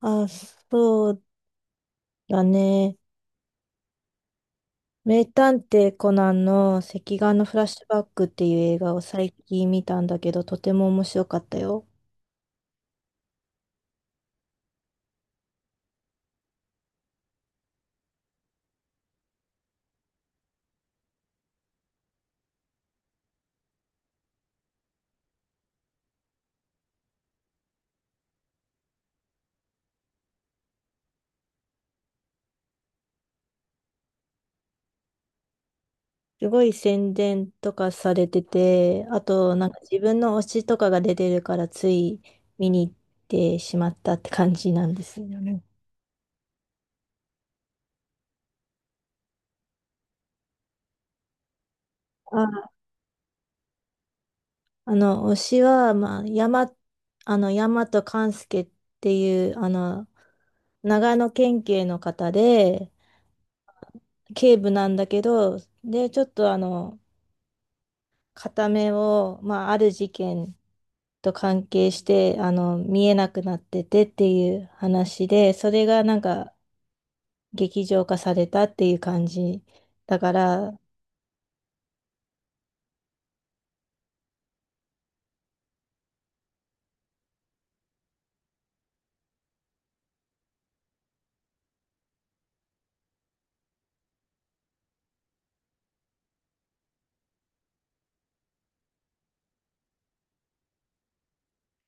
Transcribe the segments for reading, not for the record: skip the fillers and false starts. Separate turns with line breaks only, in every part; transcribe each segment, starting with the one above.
あ、そうだね。名探偵コナンの赤眼のフラッシュバックっていう映画を最近見たんだけど、とても面白かったよ。すごい宣伝とかされてて、あとなんか自分の推しとかが出てるからつい見に行ってしまったって感じなんですよね。あ、推しは、山と勘介っていう、長野県警の方で、警部なんだけど、で、ちょっと片目を、まあ、ある事件と関係して、見えなくなっててっていう話で、それがなんか劇場化されたっていう感じだから、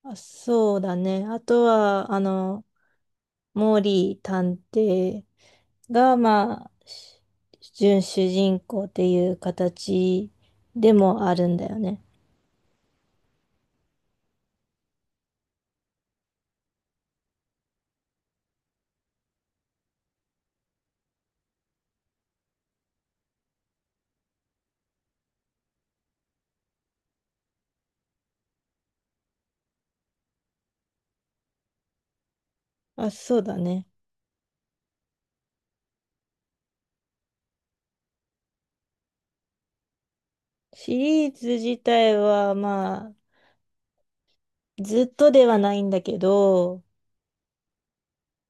あ、そうだね。あとは、モーリー探偵が、まあ、準主人公っていう形でもあるんだよね。あ、そうだね。シリーズ自体は、まあ、ずっとではないんだけど、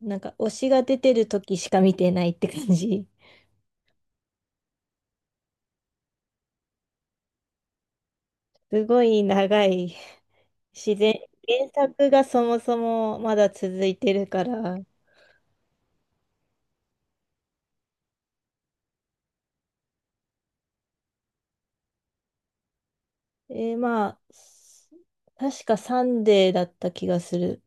なんか推しが出てる時しか見てないって感じ。すごい長い。自然、原作がそもそもまだ続いてるから。まあ、確かサンデーだった気がする。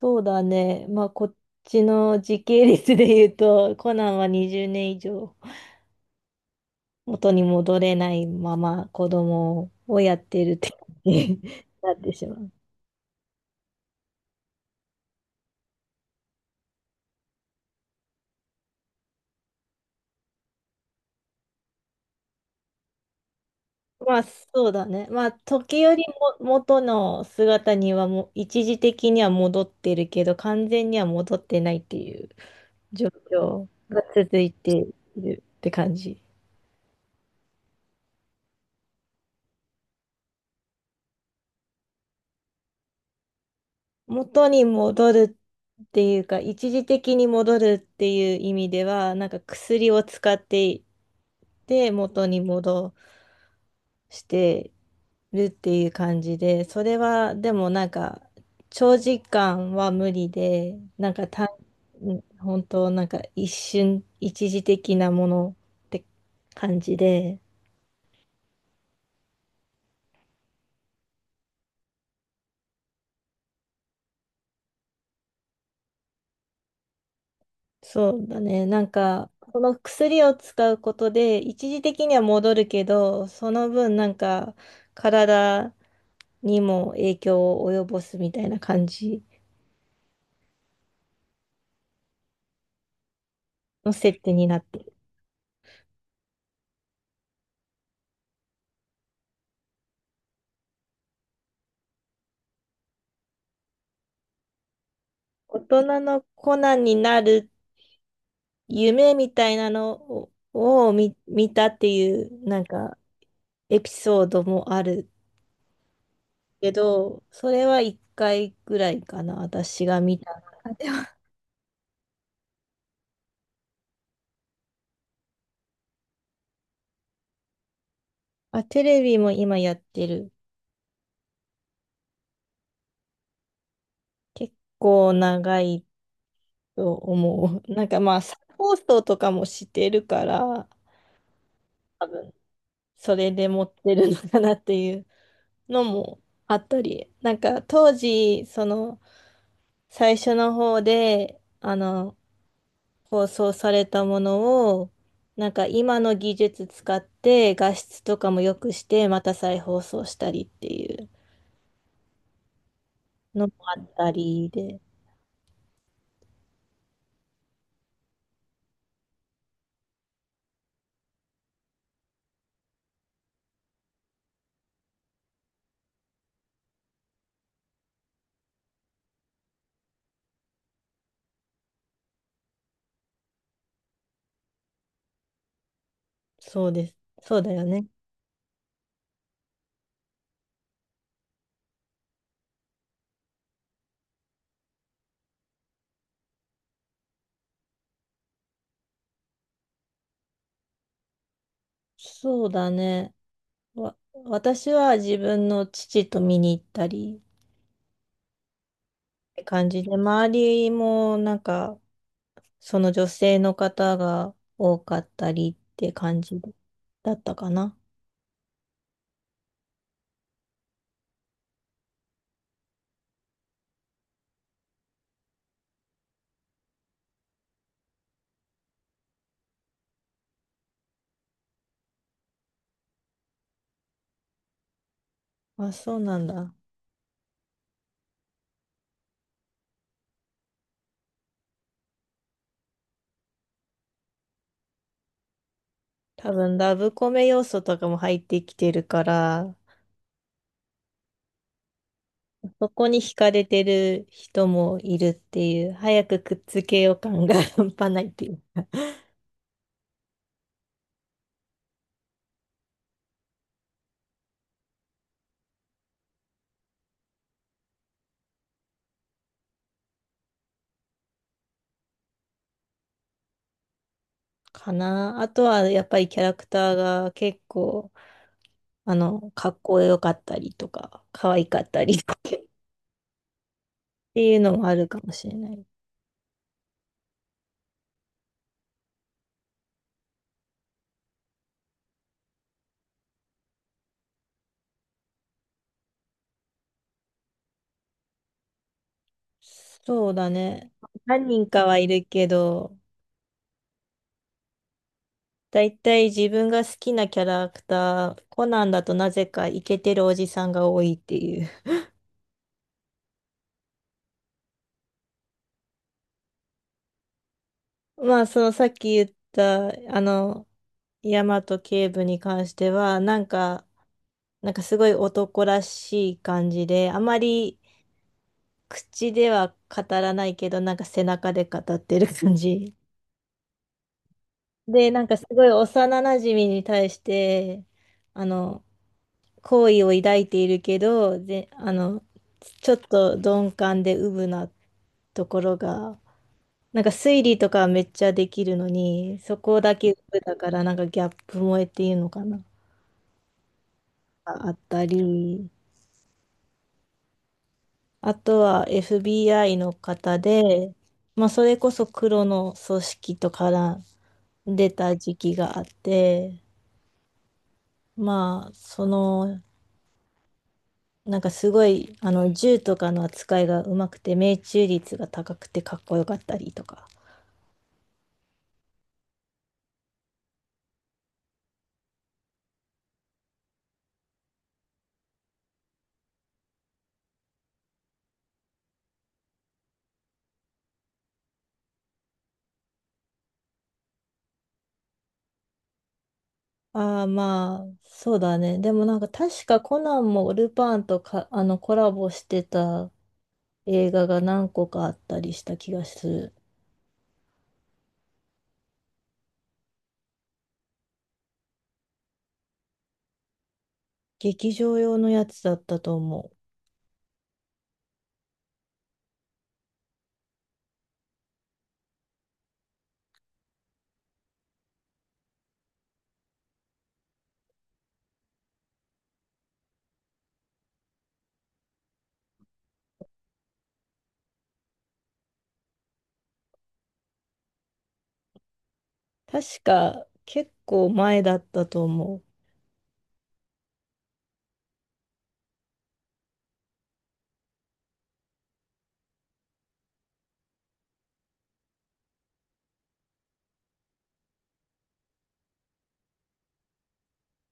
そうだね。まあ、こっちの時系列で言うと、コナンは20年以上元に戻れないまま子供をやってるって感じになってしまう。まあ、そうだね。まあ、時折も元の姿にはもう一時的には戻ってるけど、完全には戻ってないっていう状況が続いているって感じ。元に戻るっていうか、一時的に戻るっていう意味では、なんか薬を使っていて、元に戻して、るっていう感じで、それはでもなんか長時間は無理で、なんかたん本当なんか一瞬、一時的なものって感じで、そうだね、なんかこの薬を使うことで一時的には戻るけど、その分なんか体にも影響を及ぼすみたいな感じの設定になってる。大人のコナンになる夢みたいなのを、見たっていうなんかエピソードもあるけど、それは一回ぐらいかな、私が見た。あ、でも あ、テレビも今やってる。結構長いと思う。なんかまあ、再放送とかもしてるから、多分それで持ってるのかなっていうのもあったり、なんか当時、その最初の方で、放送されたものを、なんか今の技術使って画質とかも良くして、また再放送したりっていうのもあったりで、そうです。そうだよね。そうだね。わ、私は自分の父と見に行ったりって感じで、周りもなんかその女性の方が多かったりって感じだったかな。あ、そうなんだ。多分ラブコメ要素とかも入ってきてるから、そこに惹かれてる人もいるっていう、早くくっつけよう感が 半端ないっていうかな。あとはやっぱりキャラクターが結構、かっこよかったりとか、可愛かったりとか っていうのもあるかもしれない。そうだね。何人かはいるけど、だいたい自分が好きなキャラクター、コナンだとなぜかイケてるおじさんが多いっていう。まあ、そのさっき言った、あの、大和警部に関しては、なんか、なんかすごい男らしい感じで、あまり口では語らないけど、なんか背中で語ってる感じ。で、なんかすごい幼馴染に対して、あの、好意を抱いているけど、で、ちょっと鈍感でうぶなところが、なんか推理とかはめっちゃできるのに、そこだけうぶだから、なんかギャップ萌えっていうのかな、あったり。あとは FBI の方で、まあ、それこそ黒の組織とから出た時期があって、まあ、その、なんかすごい、銃とかの扱いがうまくて、命中率が高くてかっこよかったりとか。ああ、まあ、そうだね。でもなんか確かコナンもルパンとか、コラボしてた映画が何個かあったりした気がする。劇場用のやつだったと思う。確か結構前だったと思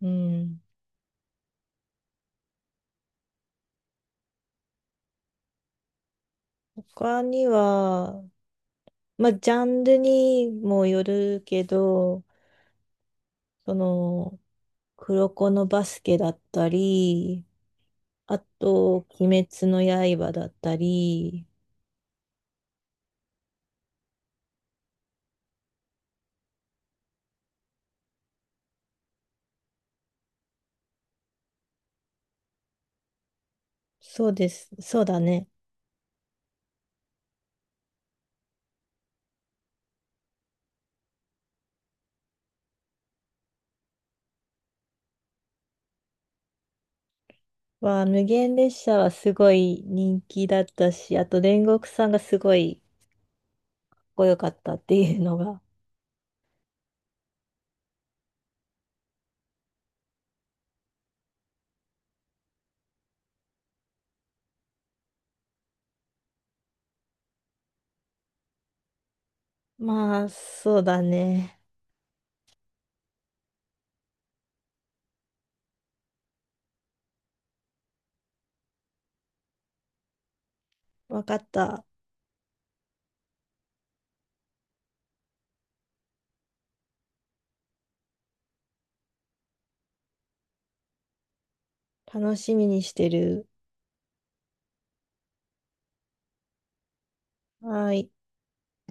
う。うん。他には、まあ、ジャンルにもよるけど、その、黒子のバスケだったり、あと、鬼滅の刃だったり、そうです、そうだね。は、無限列車はすごい人気だったし、あと煉獄さんがすごいかっこよかったっていうのが。まあ、そうだね。わかった。楽しみにしてる。はい。